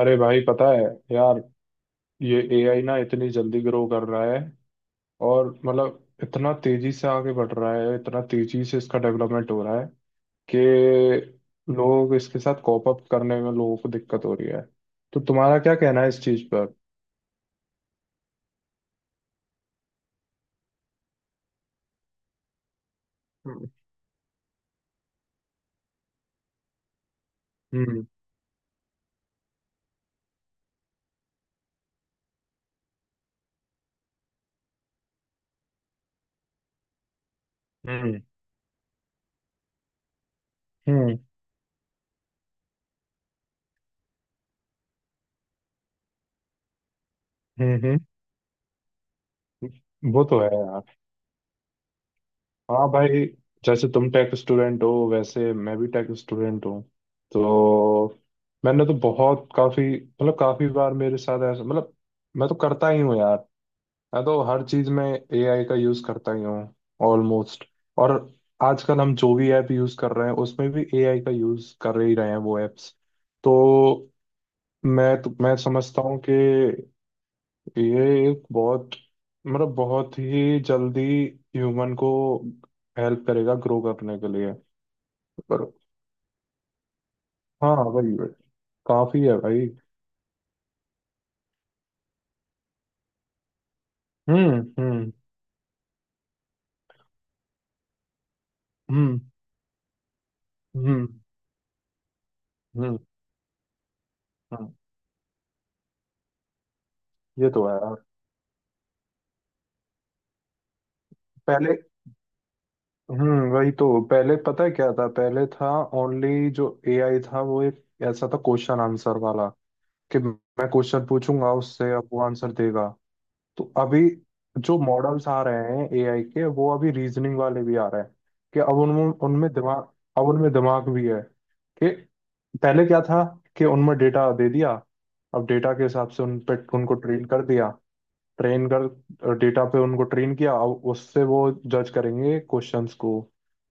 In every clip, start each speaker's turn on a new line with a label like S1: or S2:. S1: अरे भाई, पता है यार, ये एआई ना इतनी जल्दी ग्रो कर रहा है। और मतलब इतना तेजी से आगे बढ़ रहा है, इतना तेजी से इसका डेवलपमेंट हो रहा है कि लोग इसके साथ कॉप अप करने में लोगों को दिक्कत हो रही है। तो तुम्हारा क्या कहना है इस चीज पर? हम्म। हम्म। हम्म। हम्म। हम्म, हम्म, वो तो है। हाँ भाई, जैसे तुम टेक स्टूडेंट हो, वैसे मैं भी टेक स्टूडेंट हूँ। तो मैंने तो बहुत काफी मतलब काफी बार मेरे साथ ऐसा, मतलब मैं तो करता ही हूँ यार, मैं तो हर चीज में एआई का यूज करता ही हूँ ऑलमोस्ट। और आजकल हम जो भी ऐप यूज कर रहे हैं, उसमें भी एआई का यूज कर ही रहे हैं वो एप्स। तो मैं समझता हूँ कि ये एक बहुत, मतलब बहुत ही जल्दी ह्यूमन को हेल्प करेगा ग्रो करने के लिए। पर हाँ, वही वही। काफी है भाई। हम्म। हम्म। हम्म। हम्म। हम्म। हम्म, ये तो है यार। पहले... वही तो, पहले पता है क्या था, पहले था ओनली जो एआई था वो एक ऐसा था, क्वेश्चन आंसर वाला। कि मैं क्वेश्चन पूछूंगा उससे, अब वो आंसर देगा। तो अभी जो मॉडल्स आ रहे हैं एआई के, वो अभी रीजनिंग वाले भी आ रहे हैं। कि अब उनमें उनमें दिमाग, अब उनमें दिमाग भी है। कि पहले क्या था, कि उनमें डेटा दे दिया, अब डेटा के हिसाब से उन पे उनको ट्रेन कर दिया। ट्रेन कर डेटा पे उनको ट्रेन किया, अब उससे वो जज करेंगे क्वेश्चंस को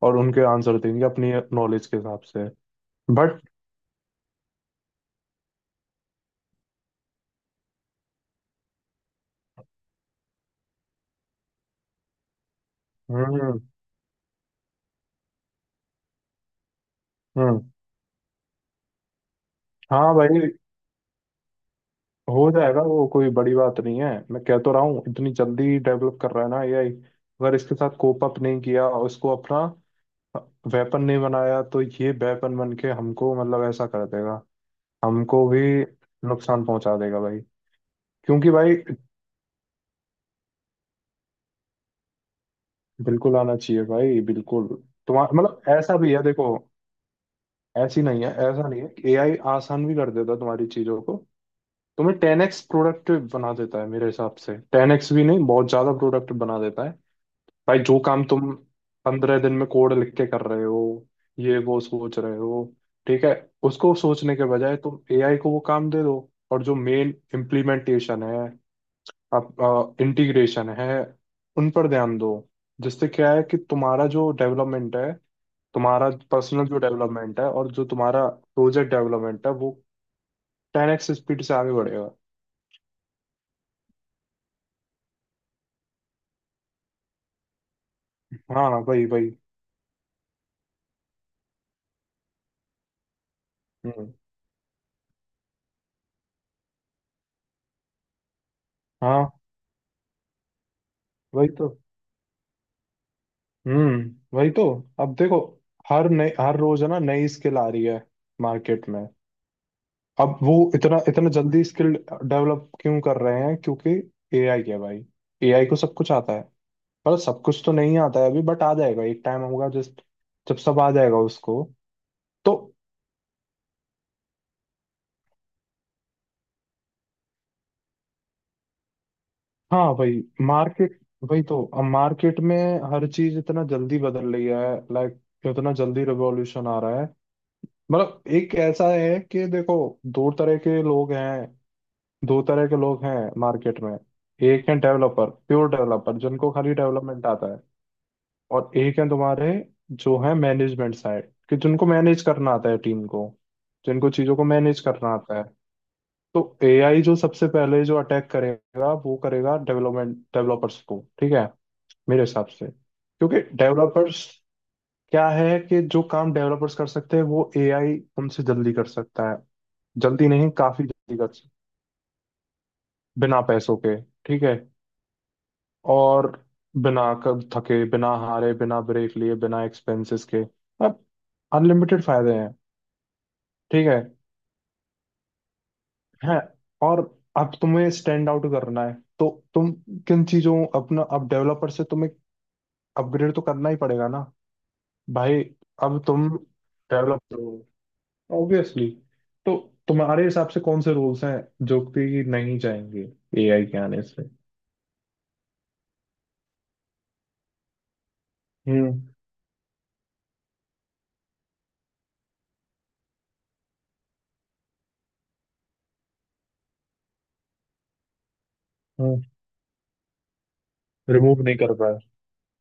S1: और उनके आंसर देंगे अपनी नॉलेज के हिसाब से। बट... हम्म। हम्म। हाँ भाई, हो जाएगा वो, कोई बड़ी बात नहीं है। मैं कह तो रहा हूँ इतनी जल्दी डेवलप कर रहा है ना एआई। अगर इसके साथ कोप अप नहीं किया और इसको अपना वेपन नहीं बनाया, तो ये वेपन बन के हमको, मतलब ऐसा कर देगा, हमको भी नुकसान पहुंचा देगा भाई। क्योंकि भाई, बिल्कुल आना चाहिए भाई, बिल्कुल। तुम्हारा मतलब ऐसा भी है, देखो, ऐसी नहीं है, ऐसा नहीं है कि एआई आसान भी कर देता है तुम्हारी चीजों को, तुम्हें टेन एक्स प्रोडक्टिव बना देता है। मेरे हिसाब से टेन एक्स भी नहीं, बहुत ज्यादा प्रोडक्टिव बना देता है। भाई, जो काम तुम 15 दिन में कोड लिख के कर रहे हो, ये वो सोच रहे हो, ठीक है? उसको सोचने के बजाय तुम एआई को वो काम दे दो। और जो मेन इम्प्लीमेंटेशन है, आप इंटीग्रेशन है, उन पर ध्यान दो। जिससे क्या है कि तुम्हारा जो डेवलपमेंट है, तुम्हारा पर्सनल जो डेवलपमेंट है, और जो तुम्हारा प्रोजेक्ट डेवलपमेंट है, वो टेन एक्स स्पीड से आगे बढ़ेगा। हाँ हाँ, वही वही। हम्म। हाँ वही तो। हम्म, वही तो। अब देखो, हर नई... हर रोज है ना, नई स्किल आ रही है मार्केट में। अब वो इतना इतना जल्दी स्किल डेवलप क्यों कर रहे हैं? क्योंकि एआई है भाई, एआई को सब कुछ आता है। पर सब कुछ तो नहीं आता है अभी, बट आ जाएगा। एक टाइम होगा, जस्ट जब सब आ जाएगा उसको। तो हाँ भाई। मार्केट... वही तो, अब मार्केट में हर चीज इतना जल्दी बदल रही है, लाइक इतना जल्दी रिवॉल्यूशन आ रहा है। मतलब एक ऐसा है कि देखो, दो तरह के लोग हैं, दो तरह के लोग हैं मार्केट में। एक है डेवलपर, प्योर डेवलपर जिनको खाली डेवलपमेंट आता है। और एक है तुम्हारे, जो है मैनेजमेंट साइड, कि जिनको मैनेज करना आता है टीम को, जिनको चीजों को मैनेज करना आता है। तो एआई जो सबसे पहले जो अटैक करेगा, वो करेगा डेवलपमेंट... डेवलपर्स को, ठीक है, मेरे हिसाब से। क्योंकि डेवलपर्स क्या है, कि जो काम डेवलपर्स कर सकते हैं वो एआई उनसे जल्दी कर सकता है। जल्दी नहीं, काफी जल्दी कर सकता, बिना पैसों के, ठीक है। और बिना कब थके, बिना हारे, बिना ब्रेक लिए, बिना एक्सपेंसेस के। अब अनलिमिटेड फायदे हैं। ठीक है, हैं। और अब तुम्हें स्टैंड आउट करना है। तो तुम किन चीजों... अपना, अब डेवलपर से तुम्हें अपग्रेड तो करना ही पड़ेगा ना भाई। अब तुम डेवलपर हो ऑब्वियसली, तो तुम्हारे हिसाब से कौन से रूल्स हैं जो कि नहीं जाएंगे एआई के आने से? हम्म। हम्म। रिमूव नहीं कर पाए।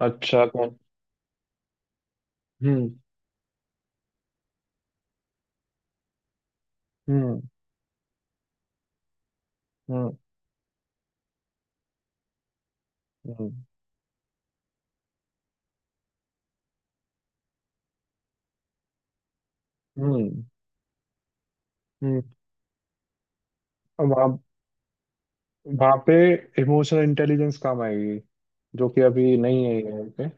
S1: अच्छा, कौन? हम्म। हम्म। हम्म। हम्म। हम्म। हम्म। अब वहाँ वहाँ पे इमोशनल इंटेलिजेंस काम आएगी, जो कि अभी नहीं है यहाँ पे।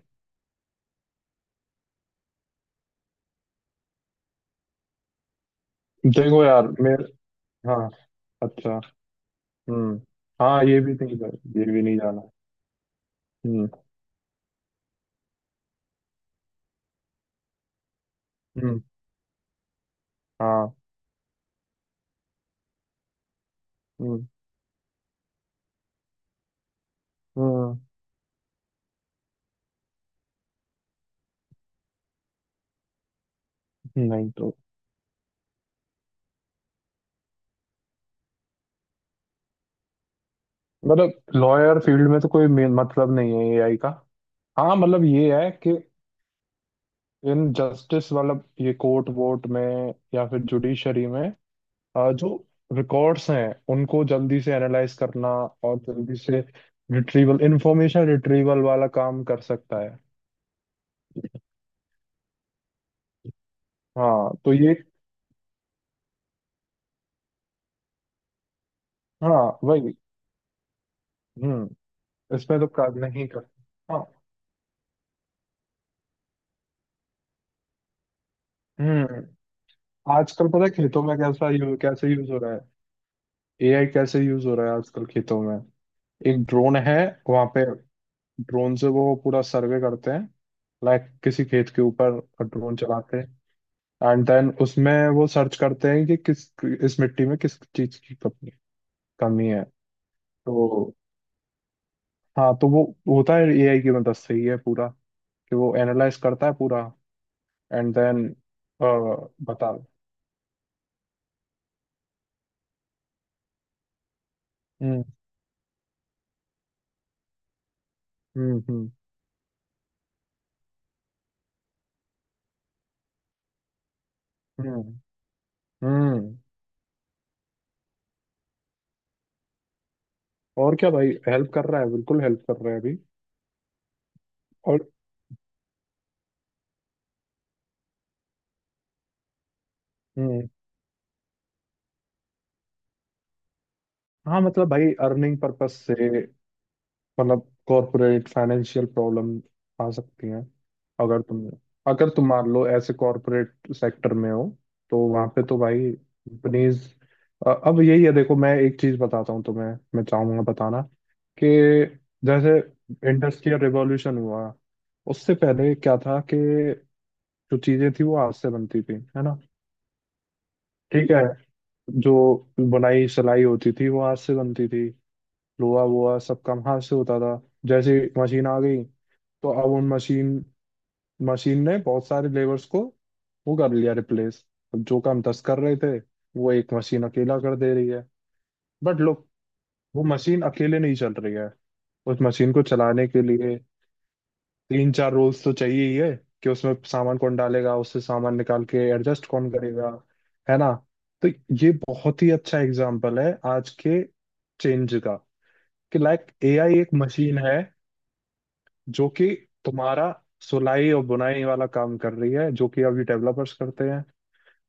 S1: देखो यार मेरे... हाँ, अच्छा। हम्म। हाँ, ये भी नहीं, ये भी नहीं जाना। हम्म। हम्म। हाँ। हम्म। हम्म। नहीं तो, मतलब लॉयर फील्ड में तो कोई मतलब नहीं है एआई का। हाँ मतलब ये है कि इन जस्टिस, मतलब ये कोर्ट वोट में, या फिर जुडिशरी में जो रिकॉर्ड्स हैं उनको जल्दी से एनालाइज करना, और जल्दी से रिट्रीवल इंफॉर्मेशन रिट्रीवल वाला काम कर सकता है। हाँ तो ये, हाँ वही। हम्म, इसमें तो काम नहीं कर। हाँ। हम्म। आजकल पता है खेतों में कैसे यूज हो रहा है, एआई कैसे यूज हो रहा है आजकल खेतों में? एक ड्रोन है वहां पे, ड्रोन से वो पूरा सर्वे करते हैं, लाइक किसी खेत के ऊपर ड्रोन चलाते हैं। एंड देन उसमें वो सर्च करते हैं कि किस इस मिट्टी में किस चीज की कमी, कमी है। तो हाँ, तो वो होता है एआई की मदद से ही है पूरा, कि वो एनालाइज करता है पूरा, एंड देन बता। हम्म। हम्म। हम्म। हम्म। हम्म। और क्या भाई, हेल्प कर रहा है, बिल्कुल हेल्प कर रहा है अभी। और हम्म। हाँ मतलब भाई, अर्निंग पर्पस से, मतलब कॉरपोरेट फाइनेंशियल प्रॉब्लम आ सकती हैं। अगर तुम अगर तुम मान लो ऐसे कॉरपोरेट सेक्टर में हो, तो वहां पे तो भाई कंपनीज... अब यही है, देखो मैं एक चीज बताता हूँ तुम्हें, मैं चाहूंगा बताना कि जैसे इंडस्ट्रियल रिवॉल्यूशन हुआ, उससे पहले क्या था कि जो चीजें थी वो हाथ से बनती थी, है ना? ठीक है। जो बुनाई सिलाई होती थी वो हाथ से बनती थी, लोहा वोहा सब काम हाथ से होता था। जैसे मशीन आ गई, तो अब उन मशीन मशीन ने बहुत सारे लेबर्स को वो कर लिया रिप्लेस। जो काम 10 कर रहे थे, वो एक मशीन अकेला कर दे रही है। बट लोग, वो मशीन अकेले नहीं चल रही है, उस मशीन को चलाने के लिए 3-4 रोल्स तो चाहिए ही है। कि उसमें सामान कौन डालेगा, उससे सामान निकाल के एडजस्ट कौन करेगा, है ना? तो ये बहुत ही अच्छा एग्जाम्पल है आज के चेंज का, कि लाइक एआई एक मशीन है जो कि तुम्हारा सिलाई और बुनाई वाला काम कर रही है, जो कि अभी डेवलपर्स करते हैं।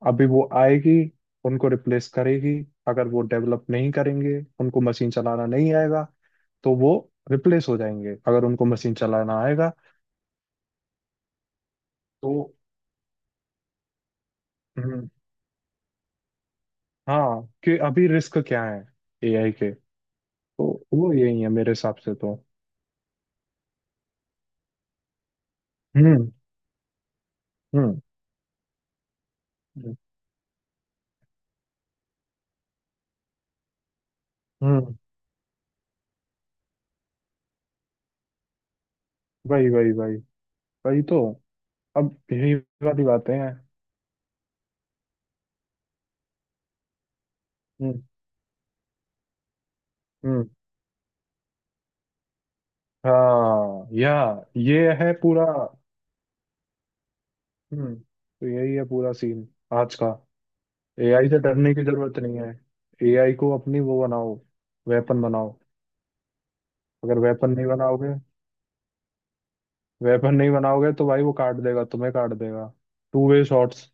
S1: अभी वो आएगी, उनको रिप्लेस करेगी। अगर वो डेवलप नहीं करेंगे, उनको मशीन चलाना नहीं आएगा, तो वो रिप्लेस हो जाएंगे। अगर उनको मशीन चलाना आएगा तो... हम्म, हाँ, कि अभी रिस्क क्या है एआई के, तो वो यही है मेरे हिसाब से तो। हम्म। हम्म। हम्म। हम्म, वही वही वही। वही तो, अब यही वाली बातें हैं। हम्म। हम्म। हाँ या। ये है पूरा। तो यही है पूरा सीन आज का। एआई से डरने की जरूरत नहीं है, एआई को अपनी वो बनाओ, वेपन बनाओ। अगर वेपन नहीं बनाओगे, वेपन नहीं बनाओगे तो भाई, वो काट देगा, तुम्हें काट देगा। Two way shots.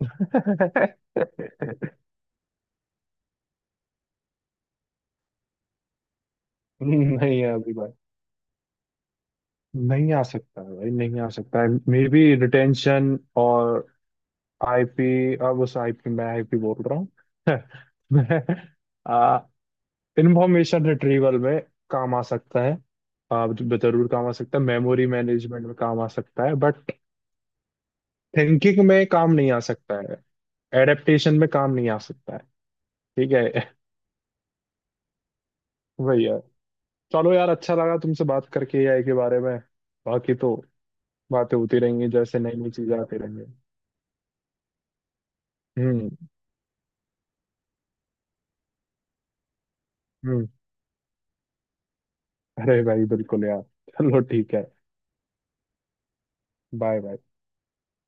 S1: नहीं है अभी भाई, नहीं आ सकता है भाई, नहीं आ सकता है। मे बी रिटेंशन और आईपी, अब उस आईपी... मैं आईपी बोल रहा हूँ मैं इंफॉर्मेशन रिट्रीवल में काम आ सकता है। आप जरूर काम आ सकता है, मेमोरी मैनेजमेंट में काम आ सकता है। बट थिंकिंग में काम नहीं आ सकता है, एडेप्टेशन में काम नहीं आ सकता है। ठीक है वही है। चलो यार, अच्छा लगा तुमसे बात करके एआई के बारे में। बाकी तो बातें होती रहेंगी, जैसे नई नई चीजें आती रहेंगी। हम्म। हम्म। अरे भाई, बिल्कुल यार। चलो, ठीक है। Bye bye.